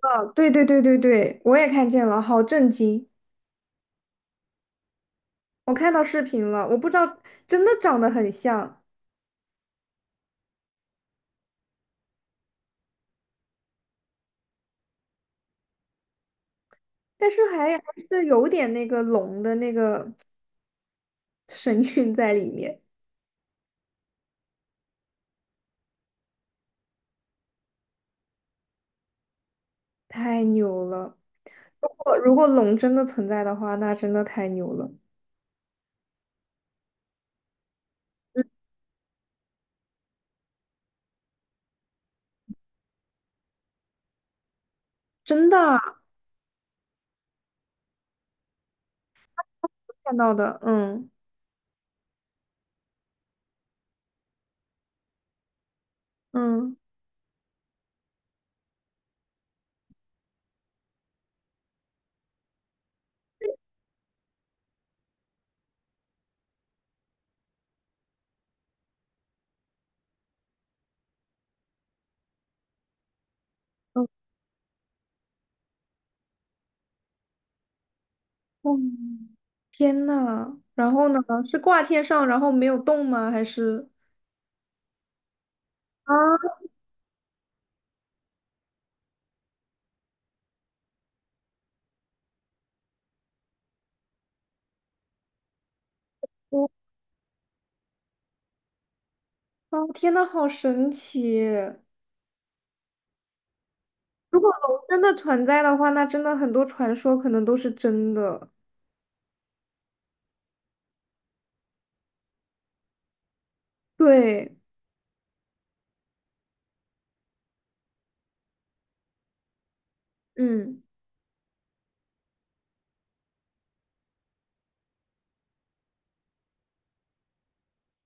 啊，对对对对对，我也看见了，好震惊！我看到视频了，我不知道，真的长得很像，但是还是有点那个龙的那个 神韵在里面，太牛了！如果龙真的存在的话，那真的太牛了。嗯，真的啊，看到的，嗯嗯嗯，哦，天呐，然后呢？是挂天上，然后没有动吗？还是啊？我哦，天呐，好神奇！如果龙真的存在的话，那真的很多传说可能都是真的。对，嗯，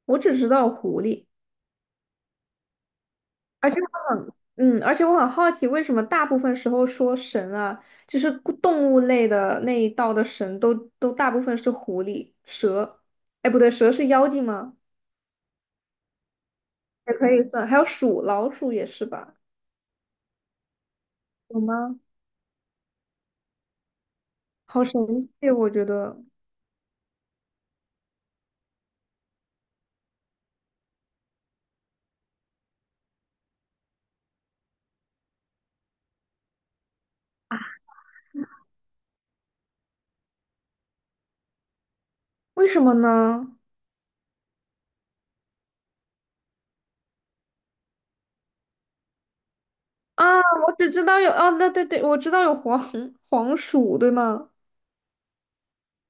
我只知道狐狸，而且我很，嗯，而且我很好奇，为什么大部分时候说神啊，就是故动物类的那一道的神都，都大部分是狐狸、蛇，哎，不对，蛇是妖精吗？也可以算，还有鼠、老鼠也是吧？有吗？好神奇，我觉得，为什么呢？啊，我只知道有，啊，那对对，我知道有黄鼠，对吗？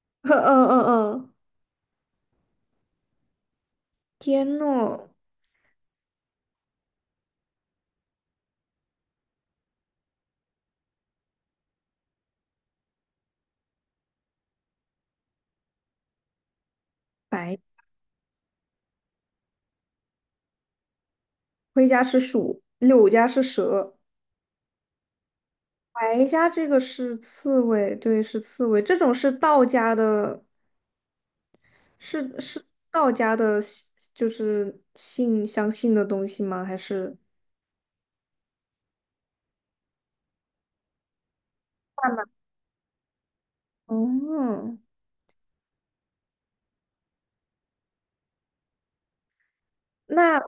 嗯嗯嗯，天诺白灰家是鼠，柳家是蛇。白家这个是刺猬，对，是刺猬。这种是道家的，是道家的信，就是信相信的东西吗？还是？慢慢哦，那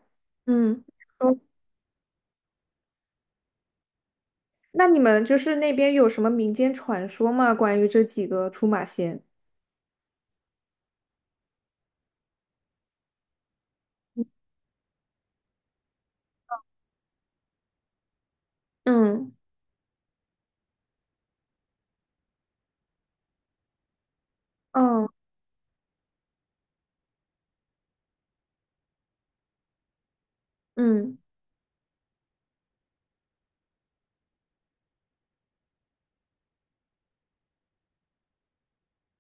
嗯，哦，那你们就是那边有什么民间传说吗？关于这几个出马仙？嗯嗯嗯，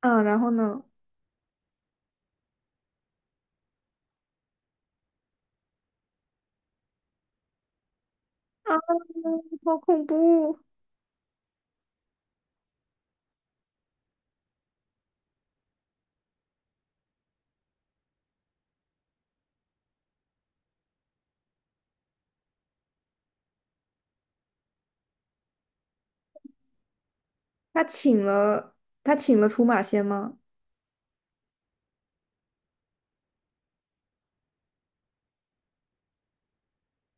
嗯，然后呢？啊，好恐怖！他请了他请了出马仙吗？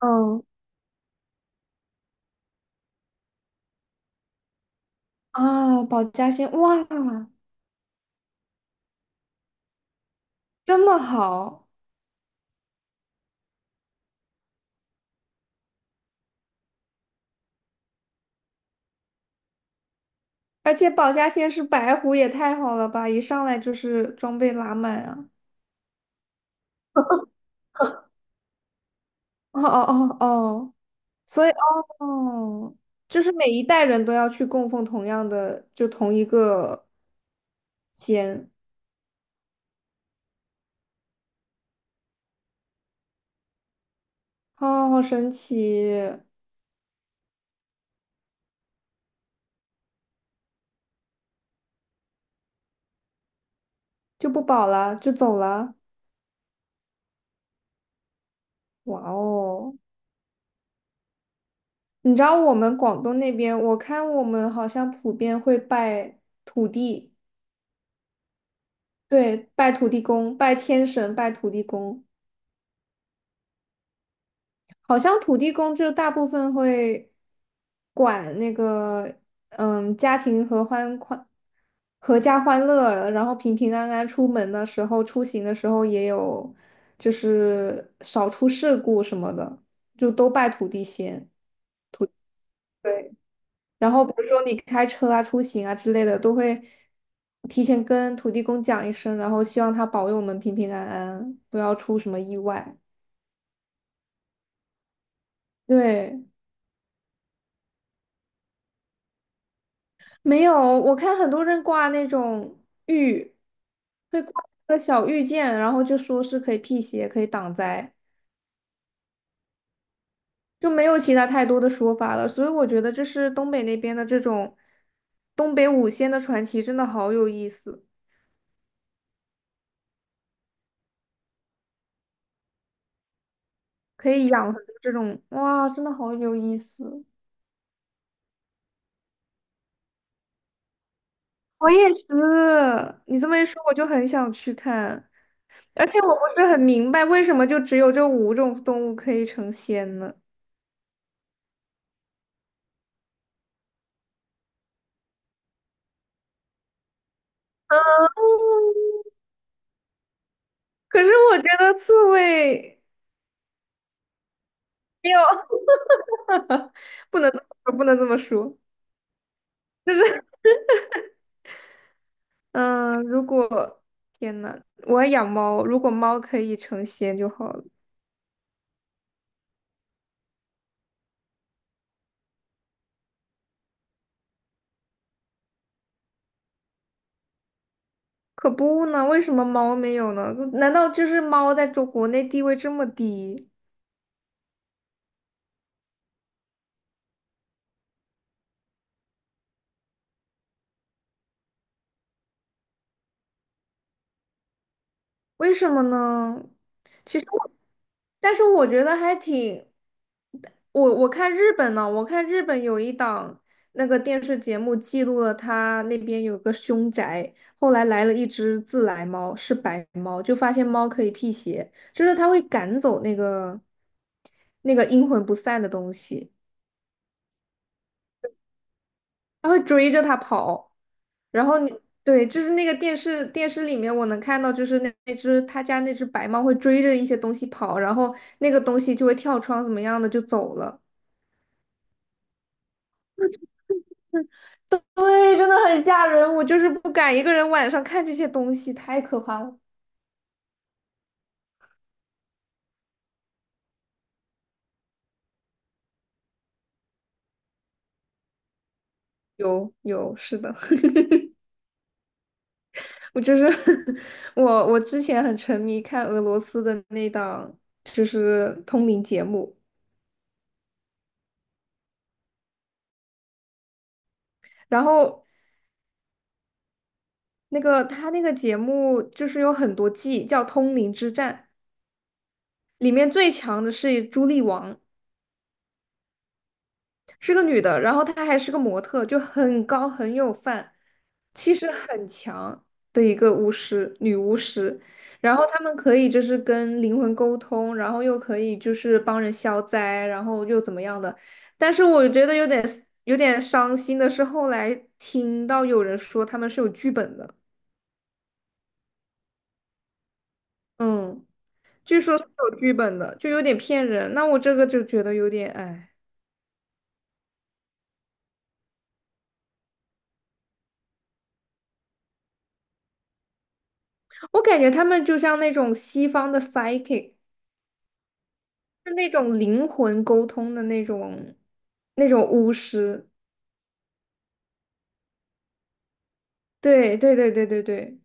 嗯，啊，保家仙，哇，这么好！而且保家仙是白狐，也太好了吧！一上来就是装备拉满啊！哦哦哦哦，所以哦，就是每一代人都要去供奉同样的，就同一个仙，哦，好神奇！就不保了，就走了。哇哦！你知道我们广东那边，我看我们好像普遍会拜土地，对，拜土地公，拜天神，拜土地公。好像土地公就大部分会管那个，嗯，家庭合欢欢，阖家欢乐，然后平平安安出门的时候，出行的时候也有，就是少出事故什么的，就都拜土地仙。对。然后比如说你开车啊、出行啊之类的，都会提前跟土地公讲一声，然后希望他保佑我们平平安安，不要出什么意外。对，没有，我看很多人挂那种玉，会挂一个小玉剑，然后就说是可以辟邪、可以挡灾，就没有其他太多的说法了。所以我觉得这是东北那边的这种东北五仙的传奇，真的好有意思，可以养成这种，哇，真的好有意思。我也是，你这么一说，我就很想去看，而且我不是很明白为什么就只有这五种动物可以成仙呢？可是我觉得刺猬没有，不能这么说,不能这么说。嗯，如果天呐，我要养猫，如果猫可以成仙就好了。可不呢，为什么猫没有呢？难道就是猫在中国内地位这么低？为什么呢？其实我，但是我觉得还挺，我看日本呢，我看日本有一档那个电视节目记录了他那边有个凶宅，后来来了一只自来猫，是白猫，就发现猫可以辟邪，就是它会赶走那个阴魂不散的东西，它会追着它跑。然后你对，就是那个电视里面，我能看到，就是那只他家那只白猫会追着一些东西跑，然后那个东西就会跳窗怎么样的就走了。对，真的很吓人，我就是不敢一个人晚上看这些东西，太可怕了。有有，是的，我就是 我之前很沉迷看俄罗斯的那档就是通灵节目，然后那个他那个节目就是有很多季，叫《通灵之战》。里面最强的是朱莉王，是个女的，然后她还是个模特，就很高很有范，气势很强的一个巫师，女巫师。然后她们可以就是跟灵魂沟通，然后又可以就是帮人消灾，然后又怎么样的。但是我觉得有点有点伤心的是，后来听到有人说他们是有剧本的，嗯，据说是有剧本的，就有点骗人。那我这个就觉得有点哎。我感觉他们就像那种西方的 psychic，是那种灵魂沟通的那种巫师。对对对对对对，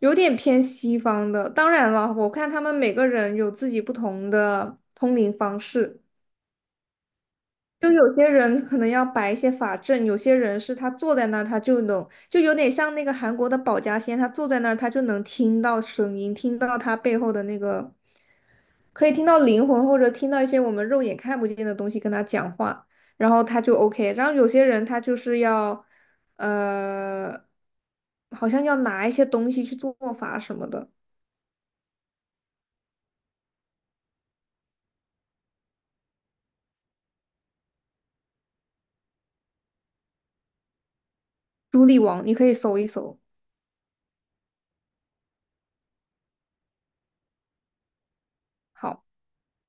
有点偏西方的。当然了，我看他们每个人有自己不同的通灵方式。就有些人可能要摆一些法阵，有些人是他坐在那儿，他就能，就有点像那个韩国的保家仙，他坐在那儿，他就能听到声音，听到他背后的那个，可以听到灵魂或者听到一些我们肉眼看不见的东西跟他讲话，然后他就 OK。然后有些人他就是要，呃，好像要拿一些东西去做法什么的。朱莉王，你可以搜一搜。好。